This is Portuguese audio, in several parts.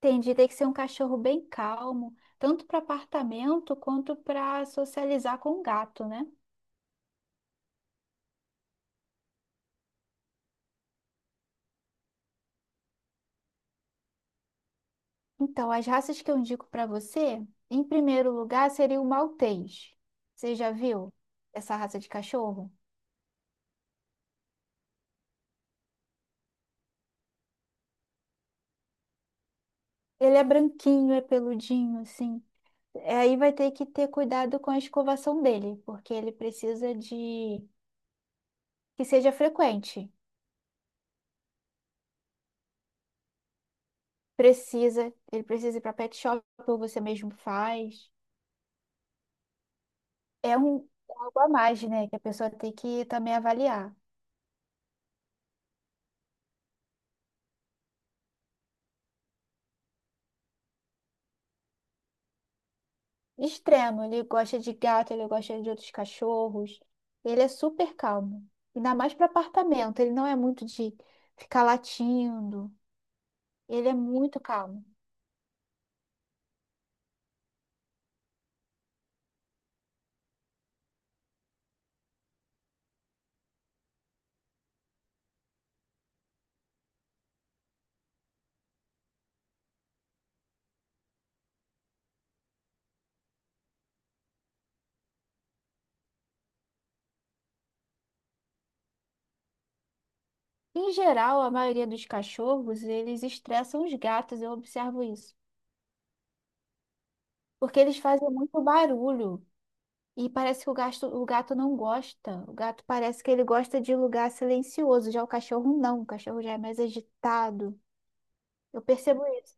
Entendi, tem que ser um cachorro bem calmo, tanto para apartamento quanto para socializar com o gato, né? Então, as raças que eu indico para você, em primeiro lugar, seria o Maltês. Você já viu essa raça de cachorro? Ele é branquinho, é peludinho, assim. É, aí vai ter que ter cuidado com a escovação dele, porque ele precisa de que seja frequente. Precisa, ele precisa ir para pet shop ou você mesmo faz. É um, algo a mais, né? Que a pessoa tem que também avaliar. Extremo, ele gosta de gato, ele gosta de outros cachorros. Ele é super calmo. Ainda mais para apartamento, ele não é muito de ficar latindo. Ele é muito calmo. Em geral, a maioria dos cachorros, eles estressam os gatos, eu observo isso. Porque eles fazem muito barulho. E parece que o gato não gosta. O gato parece que ele gosta de lugar silencioso. Já o cachorro não. O cachorro já é mais agitado. Eu percebo isso.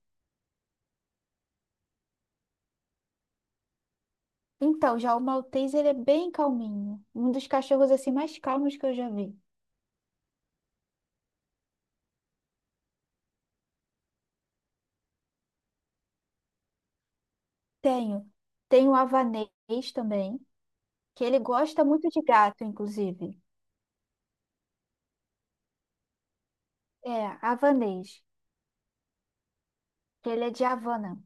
Então, já o maltês, ele é bem calminho. Um dos cachorros, assim, mais calmos que eu já vi. Tenho. Tenho o havanês também, que ele gosta muito de gato, inclusive. É, havanês, que ele é de Havana.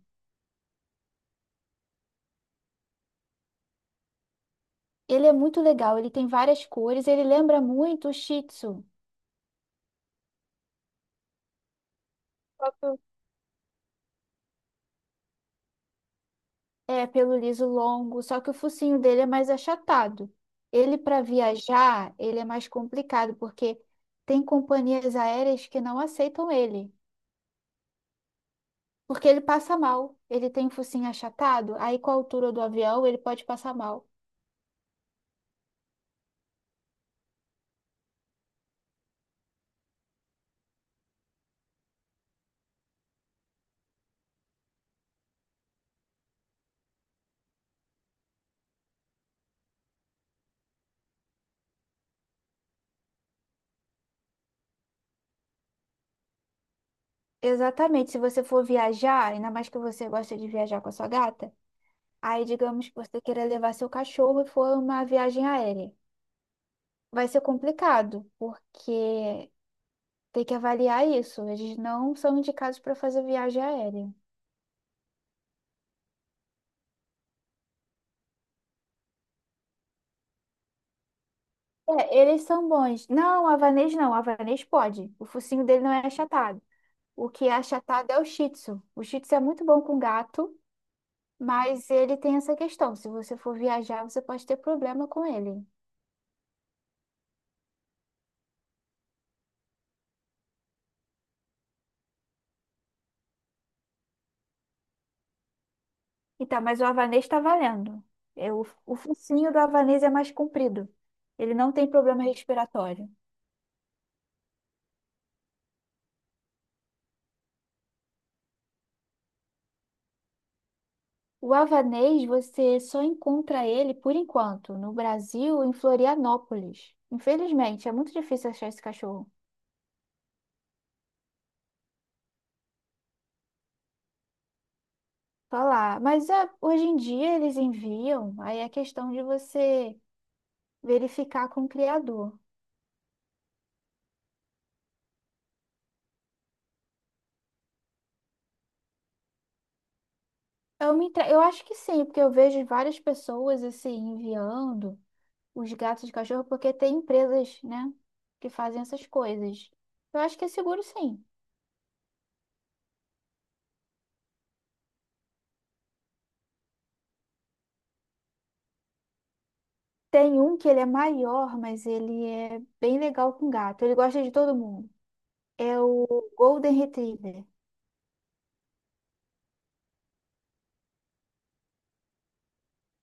Ele é muito legal, ele tem várias cores, ele lembra muito o Shih Tzu. Só que o- É, pelo liso longo, só que o focinho dele é mais achatado. Ele, para viajar, ele é mais complicado, porque tem companhias aéreas que não aceitam ele. Porque ele passa mal. Ele tem focinho achatado, aí com a altura do avião ele pode passar mal. Exatamente. Se você for viajar, ainda mais que você gosta de viajar com a sua gata, aí digamos que você queira levar seu cachorro e for uma viagem aérea. Vai ser complicado, porque tem que avaliar isso. Eles não são indicados para fazer viagem aérea. É, eles são bons. Não, o havanês não. O havanês pode. O focinho dele não é achatado. O que é achatado é o shih tzu. O shih tzu é muito bom com gato. Mas ele tem essa questão. Se você for viajar, você pode ter problema com ele. Então, mas o havanês está valendo. É, o focinho do havanês é mais comprido. Ele não tem problema respiratório. O havanês, você só encontra ele, por enquanto, no Brasil, em Florianópolis. Infelizmente, é muito difícil achar esse cachorro. Só lá. Mas é, hoje em dia eles enviam, aí é questão de você verificar com o criador. Eu acho que sim, porque eu vejo várias pessoas assim enviando os gatos de cachorro, porque tem empresas, né, que fazem essas coisas. Eu acho que é seguro sim. Tem um que ele é maior, mas ele é bem legal com gato. Ele gosta de todo mundo. É o Golden Retriever.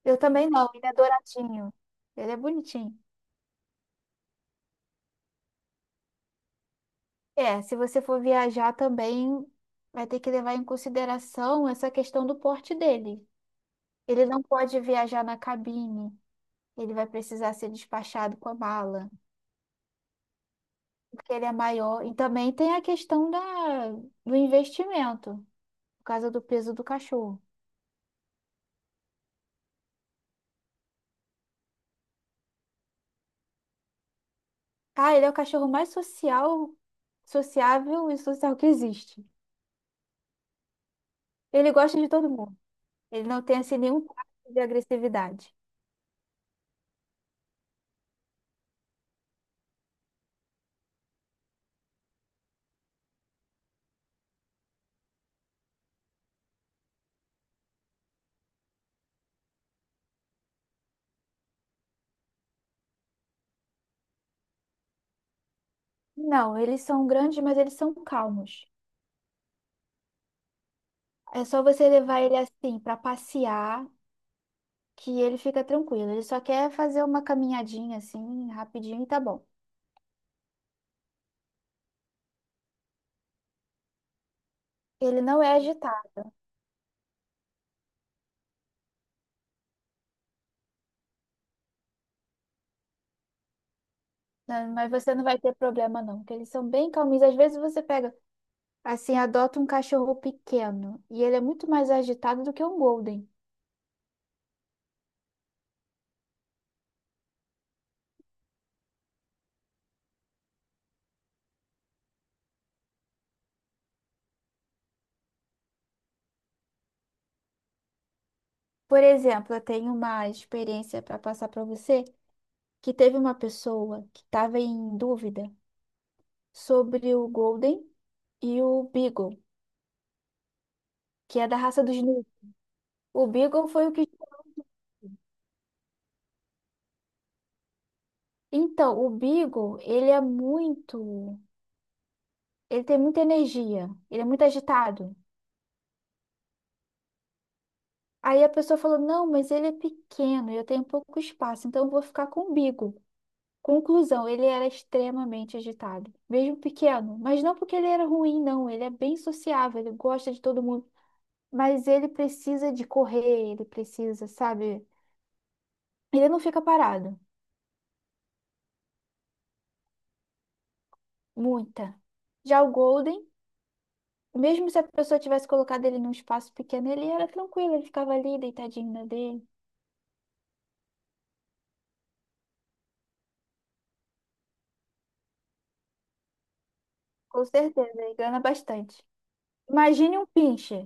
Eu também não, ele é douradinho. Ele é bonitinho. É, se você for viajar também, vai ter que levar em consideração essa questão do porte dele. Ele não pode viajar na cabine. Ele vai precisar ser despachado com a mala, porque ele é maior. E também tem a questão da, do investimento, por causa do peso do cachorro. Ah, ele é o cachorro mais social, sociável e social que existe. Ele gosta de todo mundo. Ele não tem assim nenhum traço de agressividade. Não, eles são grandes, mas eles são calmos. É só você levar ele assim para passear que ele fica tranquilo. Ele só quer fazer uma caminhadinha assim, rapidinho e tá bom. Ele não é agitado. Não, mas você não vai ter problema, não, porque eles são bem calminhos. Às vezes você pega, assim, adota um cachorro pequeno e ele é muito mais agitado do que um Golden. Por exemplo, eu tenho uma experiência para passar para você que teve uma pessoa que estava em dúvida sobre o Golden e o Beagle, que é da raça dos Gnus. O Beagle foi o que. Então, o Beagle, ele é muito. Ele tem muita energia, ele é muito agitado. Aí a pessoa falou: não, mas ele é pequeno, eu tenho pouco espaço, então eu vou ficar com o Bigo. Conclusão, ele era extremamente agitado, mesmo pequeno, mas não porque ele era ruim, não, ele é bem sociável, ele gosta de todo mundo, mas ele precisa de correr, ele precisa, sabe? Ele não fica parado, muita. Já o Golden, mesmo se a pessoa tivesse colocado ele num espaço pequeno, ele era tranquilo, ele ficava ali deitadinho na dele. Com certeza, ele engana bastante. Imagine um pinche.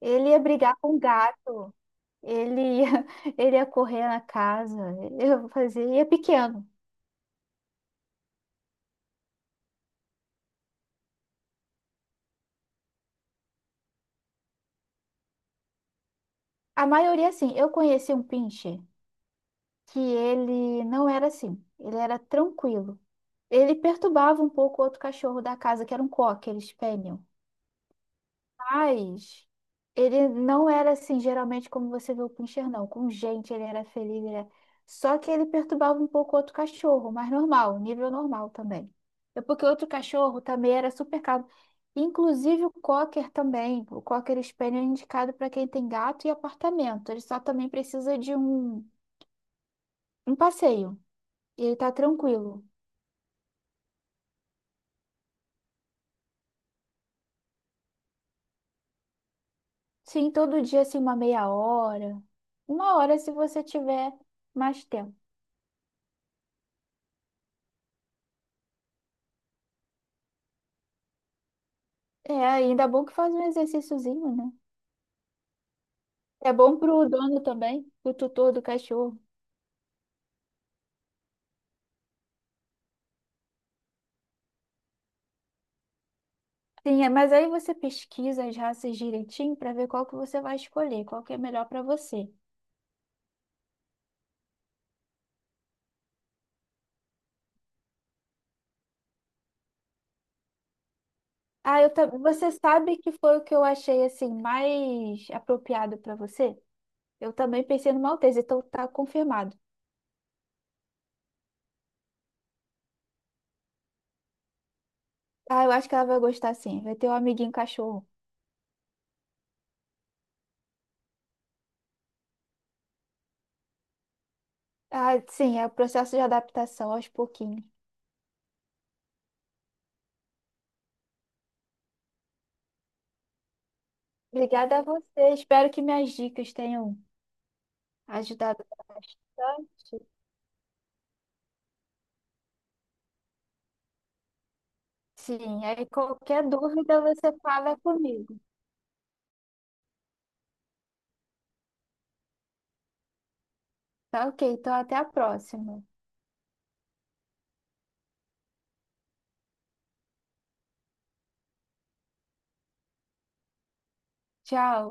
Ele ia brigar com o gato, ele ia, ele ia correr na casa, eu fazia, e é pequeno. A maioria, assim, eu conheci um pincher que ele não era assim, ele era tranquilo. Ele perturbava um pouco o outro cachorro da casa, que era um cocker, eles spaniel. Mas ele não era assim, geralmente, como você vê o Pinscher, não. Com gente, ele era feliz, ele era... Só que ele perturbava um pouco o outro cachorro, mas normal, nível normal também. É porque o outro cachorro também era super calmo. Inclusive o Cocker também. O Cocker Spaniel é indicado para quem tem gato e apartamento. Ele só também precisa de um, um passeio. E ele tá tranquilo. Sim, todo dia, assim, uma meia hora. Uma hora se você tiver mais tempo. É, ainda bom que faz um exercíciozinho, né? É bom pro dono também, pro tutor do cachorro. Sim, é, mas aí você pesquisa as raças direitinho para ver qual que você vai escolher, qual que é melhor para você. Ah, eu também. Você sabe que foi o que eu achei assim mais apropriado para você? Eu também pensei no Maltese, então tá confirmado. Ah, eu acho que ela vai gostar sim. Vai ter um amiguinho cachorro. Ah, sim, é o processo de adaptação aos pouquinhos. Obrigada a você. Espero que minhas dicas tenham ajudado bastante. Sim, aí qualquer dúvida você fala comigo. Tá ok, então até a próxima. Tchau.